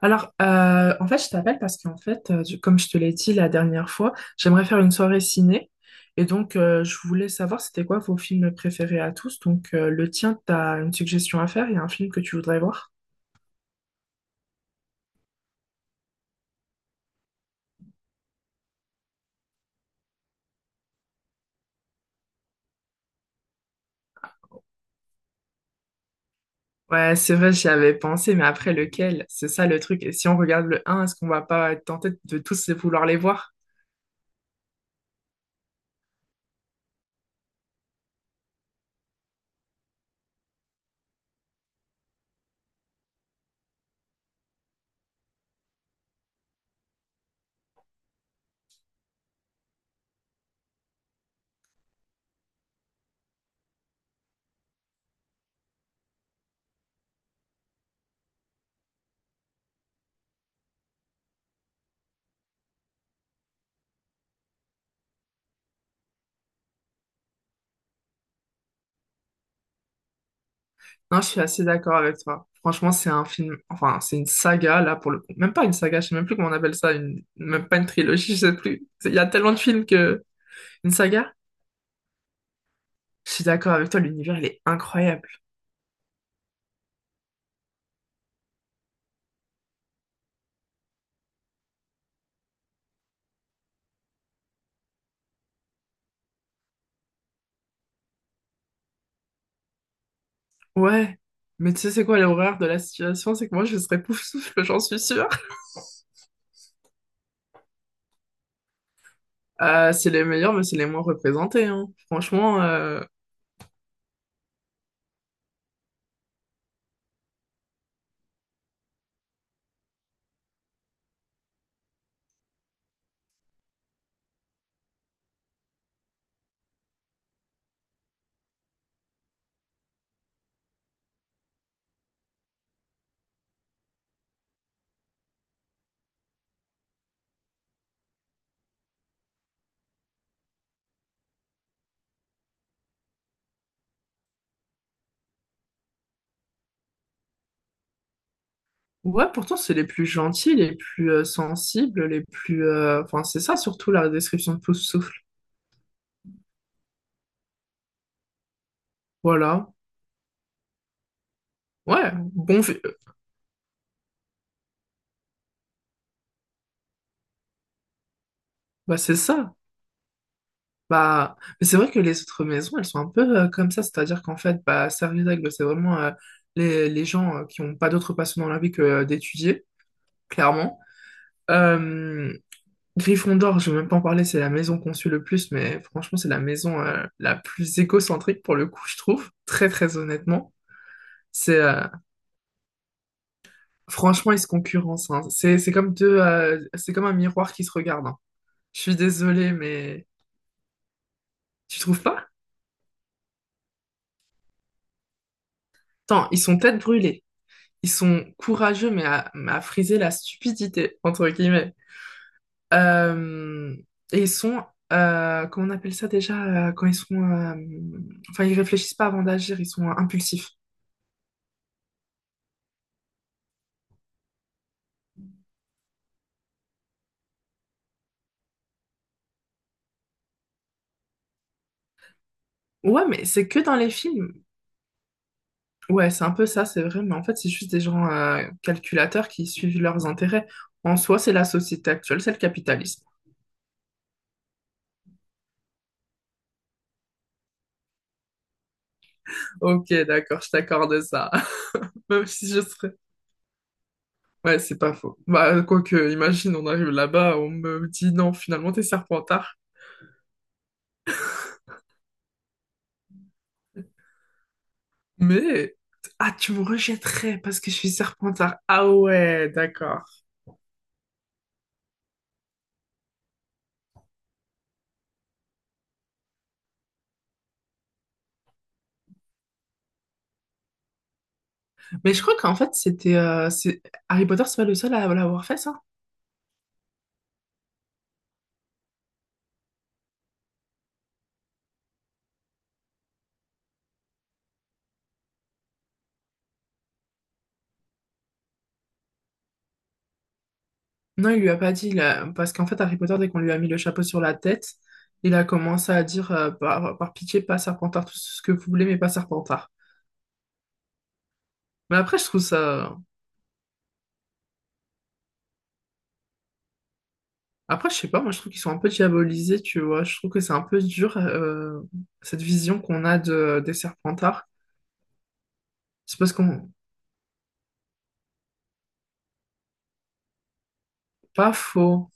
En fait, je t'appelle parce qu'en fait, du- comme je te l'ai dit la dernière fois, j'aimerais faire une soirée ciné. Et donc, je voulais savoir c'était quoi vos films préférés à tous. Donc, le tien, t'as une suggestion à faire? Il y a un film que tu voudrais voir? Ouais, c'est vrai, j'y avais pensé, mais après, lequel? C'est ça le truc. Et si on regarde le un, est-ce qu'on va pas être tenté de tous les vouloir les voir? Non, je suis assez d'accord avec toi. Franchement, c'est un film, enfin, c'est une saga, là, pour le coup. Même pas une saga, je sais même plus comment on appelle ça, une... même pas une trilogie, je sais plus. Il y a tellement de films que... Une saga? Je suis d'accord avec toi, l'univers, il est incroyable. Ouais. Mais tu sais, c'est quoi l'horreur de la situation? C'est que moi, je serais Poufsouffle, j'en suis sûre. C'est les meilleurs, mais c'est les moins représentés, hein. Franchement, ouais, pourtant, c'est les plus gentils, les plus sensibles, les plus... Enfin, c'est ça, surtout, la description de Poufsouffle. Voilà. Ouais, bon... vi- Bah, c'est ça. Bah, mais c'est vrai que les autres maisons, elles sont un peu comme ça. C'est-à-dire qu'en fait, bah, Servitag, bah, c'est vraiment les gens qui n'ont pas d'autre passion dans la vie que d'étudier, clairement. Euh, Gryffondor, je vais même pas en parler, c'est la maison qu'on suit le plus, mais franchement, c'est la maison la plus égocentrique pour le coup, je trouve, très très honnêtement. C'est Franchement, ils se concurrencent, hein. C'est comme deux, c'est comme un miroir qui se regarde, hein. Je suis désolée, mais tu trouves pas? Attends, ils sont tête brûlée, ils sont courageux, mais mais à friser la stupidité entre guillemets. Euh, et ils sont, comment on appelle ça déjà, quand ils sont, enfin, ils réfléchissent pas avant d'agir, ils sont impulsifs. Ouais, mais c'est que dans les films. Ouais, c'est un peu ça, c'est vrai, mais en fait, c'est juste des gens calculateurs qui suivent leurs intérêts. En soi, c'est la société actuelle, c'est le capitalisme. Ok, d'accord, je t'accorde ça. Même si je serais... Ouais, c'est pas faux. Bah, quoique, imagine, on arrive là-bas, on me dit non, finalement, t'es serpentard. Mais... Ah, tu me rejetterais parce que je suis Serpentard. Ah ouais, d'accord. Mais je crois qu'en fait, c'était... c'est... Harry Potter, c'est pas le seul à l'avoir fait, ça? Non, il lui a pas dit, là, parce qu'en fait, Harry Potter, dès qu'on lui a mis le chapeau sur la tête, il a commencé à dire, par pitié, pas Serpentard, tout ce que vous voulez, mais pas Serpentard. Mais après, je trouve ça... Après, je sais pas, moi, je trouve qu'ils sont un peu diabolisés, tu vois. Je trouve que c'est un peu dur, cette vision qu'on a des Serpentards. C'est parce qu'on... Pas faux.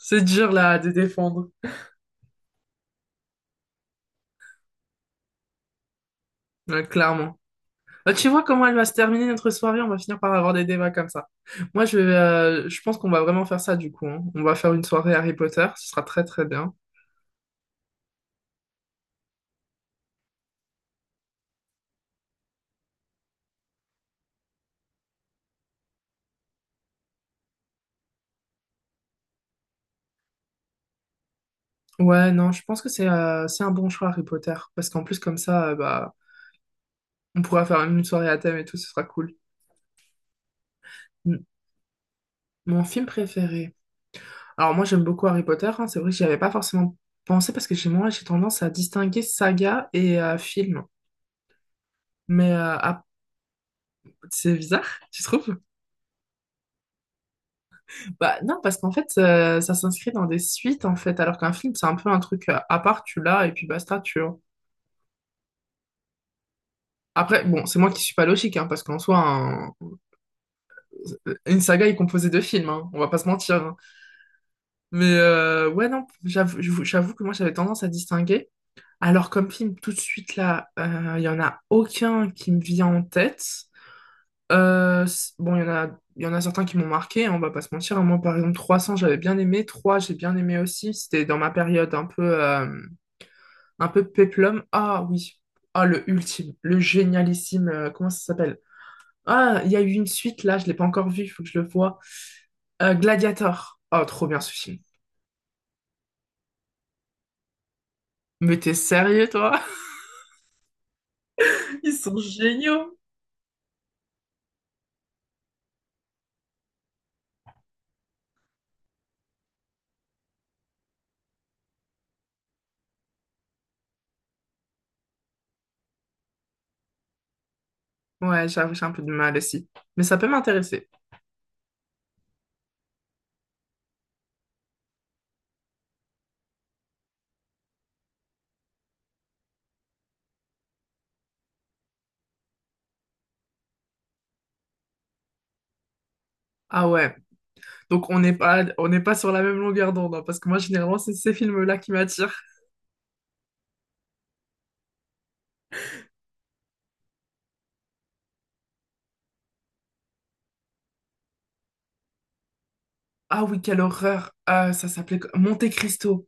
C'est dur, là, de défendre. Ouais, clairement. Bah, tu vois comment elle va se terminer notre soirée, on va finir par avoir des débats comme ça. Moi, je pense qu'on va vraiment faire ça du coup, hein. On va faire une soirée Harry Potter, ce sera très très bien. Ouais, non, je pense que c'est un bon choix Harry Potter, parce qu'en plus comme ça, bah, on pourra faire une soirée à thème et tout, ce sera cool. Mm. Mon film préféré. Alors moi, j'aime beaucoup Harry Potter, hein. C'est vrai que j'y avais pas forcément pensé, parce que chez moi, j'ai tendance à distinguer saga et film. Mais c'est bizarre, tu trouves? Bah non, parce qu'en fait, ça s'inscrit dans des suites, en fait, alors qu'un film, c'est un peu un truc à part, tu l'as, et puis basta, tu vois. Après, bon, c'est moi qui suis pas logique, hein, parce qu'en soi, un- une saga est composée de films, hein, on va pas se mentir, hein. Mais ouais, non, j'avoue, j'avoue que moi, j'avais tendance à distinguer. Alors, comme film, tout de suite, là, il y en a aucun qui me vient en tête. Bon, il y en a, il y en a certains qui m'ont marqué, hein, on va pas se mentir, hein. Moi, par exemple, 300 j'avais bien aimé. 3 j'ai bien aimé aussi. C'était dans ma période un peu... Un peu péplum. Ah oui. Ah, le ultime, le génialissime, comment ça s'appelle? Ah, il y a eu une suite là, je l'ai pas encore vue, il faut que je le voie. Gladiator. Oh, trop bien ce film. Mais t'es sérieux, toi? Ils sont géniaux. Ouais, j'avoue, j'ai un peu de mal aussi. Mais ça peut m'intéresser. Ah ouais. Donc on n'est pas sur la même longueur d'onde, hein, parce que moi, généralement, c'est ces films-là qui m'attirent. Ah oui, quelle horreur. Ah, ça s'appelait Monte Cristo.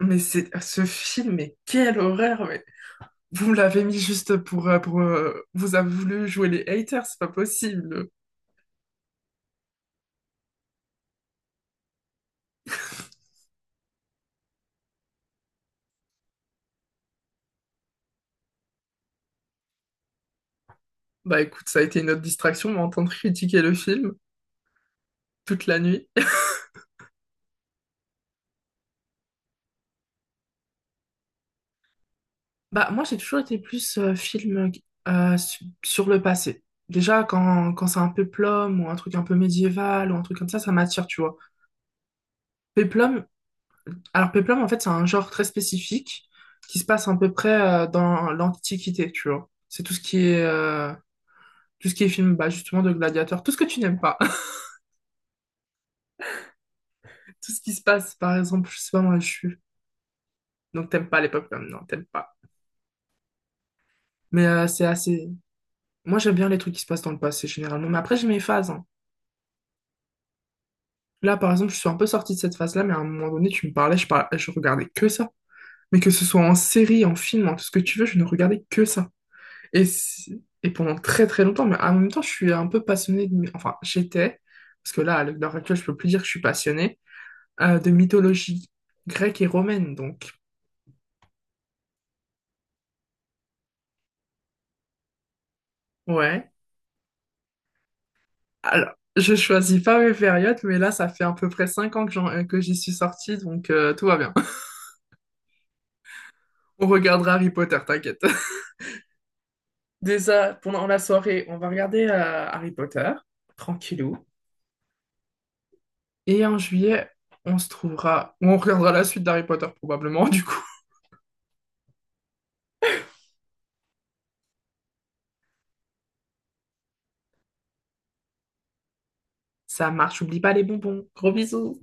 Mais c'est ce film, mais quelle horreur. Vous me l'avez mis juste pour vous avez voulu jouer les haters, c'est pas possible. Bah écoute, ça a été une autre distraction, m'entendre critiquer le film toute la nuit. Bah moi j'ai toujours été plus film sur le passé. Déjà quand c'est un péplum ou un truc un peu médiéval ou un truc comme ça m'attire, tu vois. Péplum, alors péplum en fait c'est un genre très spécifique qui se passe à peu près dans l'Antiquité, tu vois. C'est tout ce qui est tout ce qui est film bah, justement de gladiateurs, tout ce que tu n'aimes pas. Tout ce qui se passe. Par exemple, je sais pas, moi, je suis... Donc, t'aimes pas les pop comme non, t'aimes pas. Mais c'est assez... Moi, j'aime bien les trucs qui se passent dans le passé, généralement. Mais après, j'ai mes phases, hein. Là, par exemple, je suis un peu sortie de cette phase-là, mais à un moment donné, tu me parlais, parlais, je regardais que ça. Mais que ce soit en série, en film, en tout ce que tu veux, je ne regardais que ça. Et, et pendant très très longtemps, mais en même temps, je suis un peu passionnée de... Enfin, j'étais, parce que là, à l'heure actuelle, je peux plus dire que je suis passionnée, de mythologie grecque et romaine, donc. Ouais. Alors, je choisis pas mes périodes, mais là, ça fait à peu près 5 ans que que j'y suis sortie, donc tout va bien. On regardera Harry Potter, t'inquiète. Déjà, pendant la soirée, on va regarder Harry Potter, tranquillou. Et en juillet, on se trouvera, ou on regardera la suite d'Harry Potter probablement, du coup. Ça marche, oublie pas les bonbons. Gros bisous.